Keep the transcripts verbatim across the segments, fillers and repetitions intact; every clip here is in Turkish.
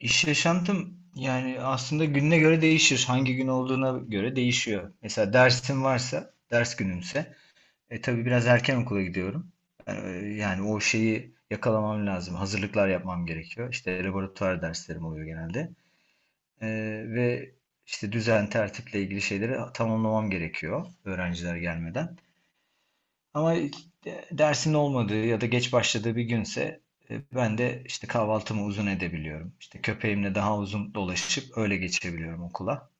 İş yaşantım yani aslında gününe göre değişir. Hangi gün olduğuna göre değişiyor. Mesela dersim varsa, ders günümse, e tabii biraz erken okula gidiyorum. E, Yani o şeyi yakalamam lazım. Hazırlıklar yapmam gerekiyor. İşte laboratuvar derslerim oluyor genelde. E, ve işte düzen, tertiple ilgili şeyleri tamamlamam gerekiyor öğrenciler gelmeden. Ama dersin olmadığı ya da geç başladığı bir günse e, ben de işte kahvaltımı uzun edebiliyorum. İşte köpeğimle daha uzun dolaşıp öyle geçebiliyorum okula.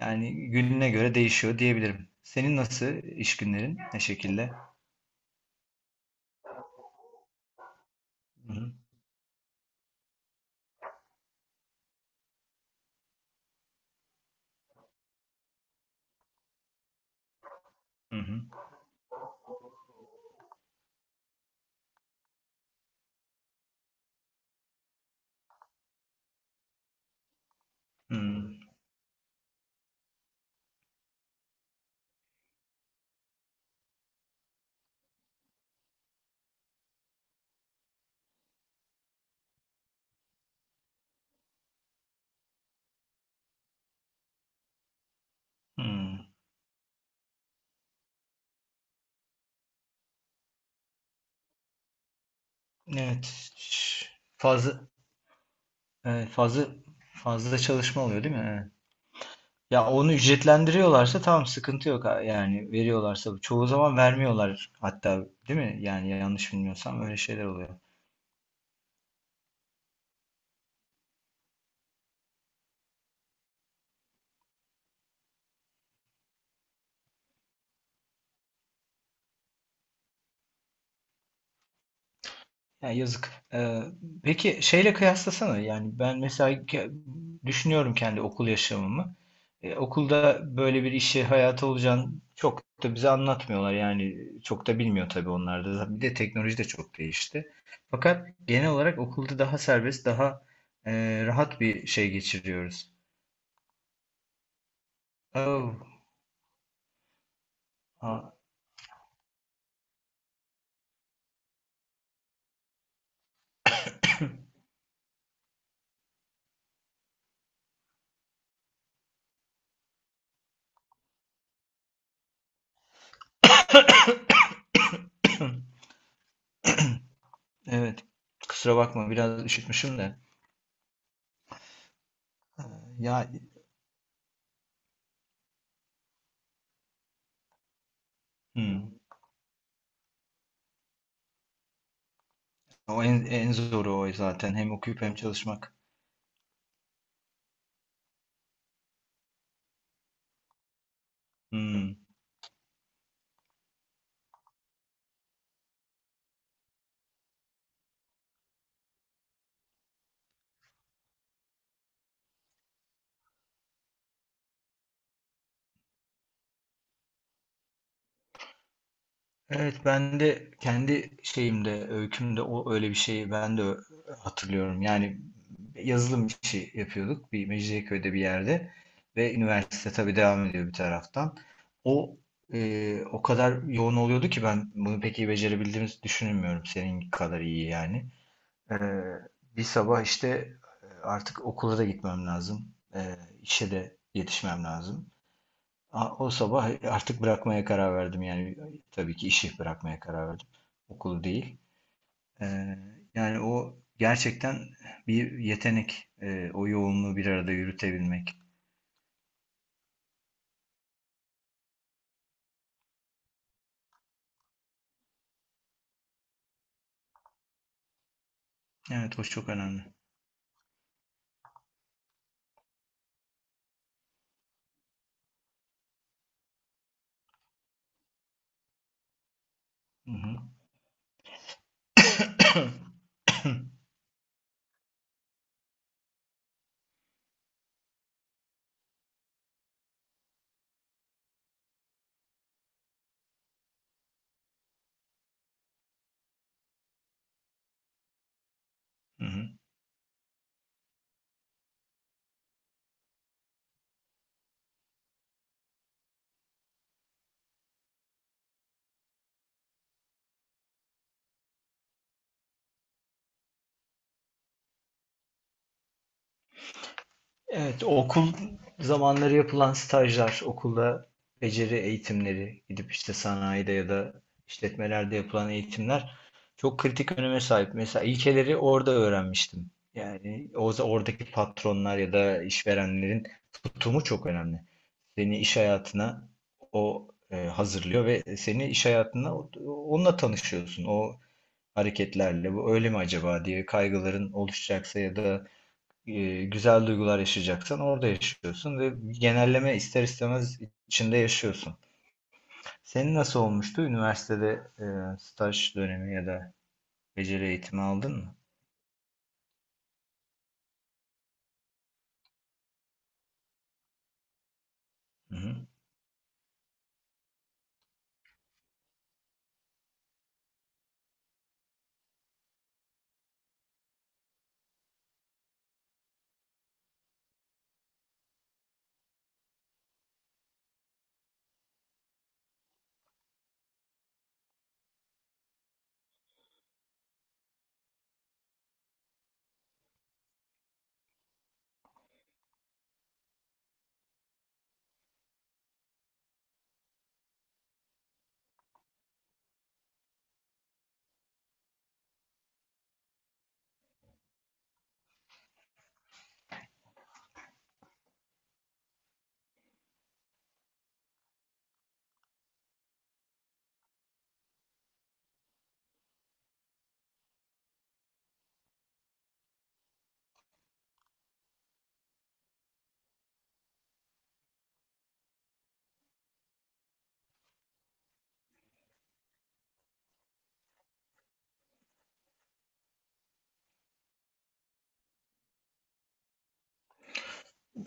Yani gününe göre değişiyor diyebilirim. Senin nasıl iş günlerin? Ne şekilde? Hı hı. Hı hı. Hı hı. Evet. Fazla evet, fazla fazla çalışma oluyor değil mi? Evet. Ya onu ücretlendiriyorlarsa tamam sıkıntı yok ha- yani veriyorlarsa çoğu zaman vermiyorlar hatta değil mi? Yani yanlış bilmiyorsam öyle şeyler oluyor. Ya yazık. Ee, peki şeyle kıyaslasana yani ben mesela ke- düşünüyorum kendi okul yaşamımı. E, okulda böyle bir işi hayata olacağını çok da bize anlatmıyorlar yani çok da bilmiyor tabii onlar da. Bir de teknoloji de çok değişti. Fakat genel olarak okulda daha serbest daha e, rahat bir şey geçiriyoruz. Oh. Hı. Evet. Kusura bakma biraz üşütmüşüm de. Ee, Ya Hı. O en, en zoru o zaten. Hem okuyup hem çalışmak. Hı. Evet ben de kendi şeyimde, öykümde o öyle bir şeyi ben de ö- hatırlıyorum. Yani yazılım işi yapıyorduk bir Mecidiyeköy'de bir yerde ve üniversite tabii devam ediyor bir taraftan. O e, o kadar yoğun oluyordu ki ben bunu pek iyi becerebildiğimizi düşünmüyorum senin kadar iyi yani. Ee, bir sabah işte e, artık okula da gitmem lazım. Ee, işe de yetişmem lazım. A- O sabah artık bırakmaya karar verdim. Yani tabii ki işi bırakmaya karar verdim. Okulu değil. Ee, yani o gerçekten bir yetenek. Ee, o yoğunluğu bir arada yürütebilmek. Evet, o çok önemli. Hı hı. Hı hı. Evet, okul zamanları yapılan stajlar, okulda beceri eğitimleri, gidip işte sanayide ya da işletmelerde yapılan eğitimler çok kritik öneme sahip. Mesela ilkeleri orada öğrenmiştim. Yani o oradaki patronlar ya da işverenlerin tutumu çok önemli. Seni iş hayatına o e, hazırlıyor ve seni iş hayatına o- onunla tanışıyorsun. O hareketlerle bu öyle mi acaba diye kaygıların oluşacaksa ya da e, güzel duygular yaşayacaksan orada yaşıyorsun ve genelleme ister istemez içinde yaşıyorsun. Senin nasıl olmuştu? Üniversitede e, staj dönemi ya da beceri eğitimi aldın mı? Hı-hı.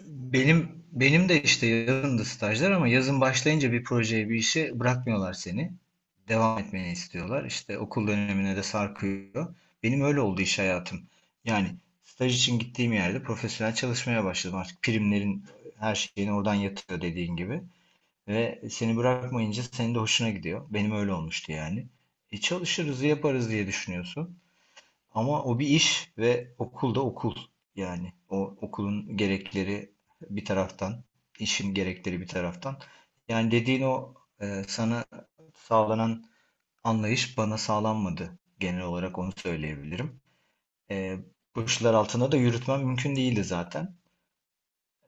Benim benim de işte yazındı stajlar ama yazın başlayınca bir projeye bir işe bırakmıyorlar seni. Devam etmeni istiyorlar. İşte okul dönemine de sarkıyor. Benim öyle oldu iş hayatım. Yani staj için gittiğim yerde profesyonel çalışmaya başladım. Artık primlerin her şeyini oradan yatıyor dediğin gibi. Ve seni bırakmayınca senin de hoşuna gidiyor. Benim öyle olmuştu yani. E çalışırız, yaparız diye düşünüyorsun. Ama o bir iş ve okul da okul. Yani o okulun gerekleri bir taraftan, işin gerekleri bir taraftan. Yani dediğin o e, sana sağlanan anlayış bana sağlanmadı. Genel olarak onu söyleyebilirim. E, bu işler altında da yürütmem mümkün değildi zaten.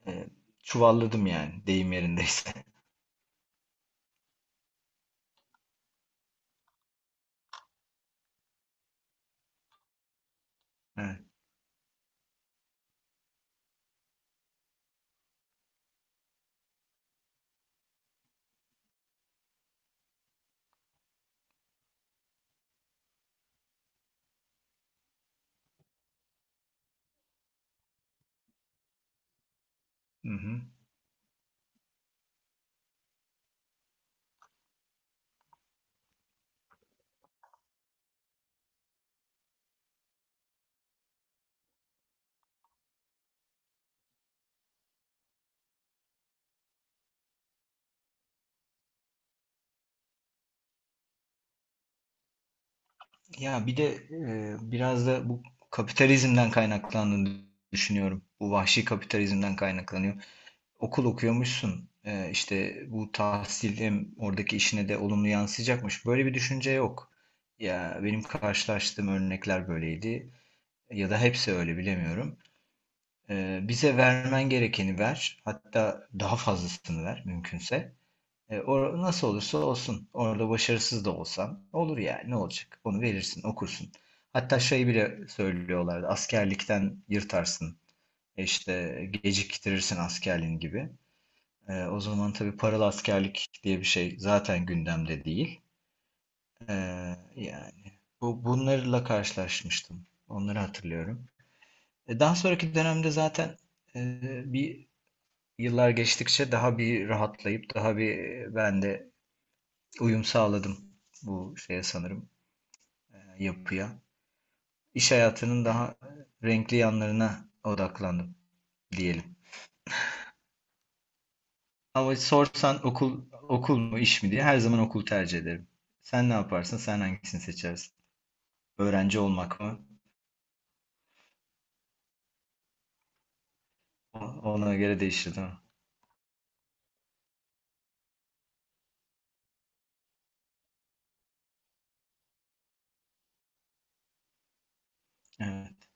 E, Çuvalladım yani deyim yerindeyse. Evet. Hı hı. Ya bir de e, biraz da bu kapitalizmden kaynaklandığını düşünüyorum. Bu vahşi kapitalizmden kaynaklanıyor. Okul okuyormuşsun. E, işte bu tahsil hem oradaki işine de olumlu yansıyacakmış. Böyle bir düşünce yok. Ya benim karşılaştığım örnekler böyleydi. Ya da hepsi öyle bilemiyorum. E, bize vermen gerekeni ver. Hatta daha fazlasını ver mümkünse. E, or Nasıl olursa olsun. Orada başarısız da olsan olur yani. Ne olacak? Onu verirsin, okursun. Hatta şey bile söylüyorlardı. Askerlikten yırtarsın. E İşte geciktirirsin askerliğin gibi. E, o zaman tabii paralı askerlik diye bir şey zaten gündemde değil. E, yani bu bunlarla karşılaşmıştım. Onları hatırlıyorum. E, daha sonraki dönemde zaten e, bir yıllar geçtikçe daha bir rahatlayıp daha bir ben de uyum sağladım bu şeye sanırım e, yapıya. İş hayatının daha renkli yanlarına odaklandım diyelim. Ama sorsan okul okul mu iş mi diye her zaman okul tercih ederim. Sen ne yaparsın? Sen hangisini seçersin? Öğrenci olmak mı? Ona göre değişir, değil mi? Evet.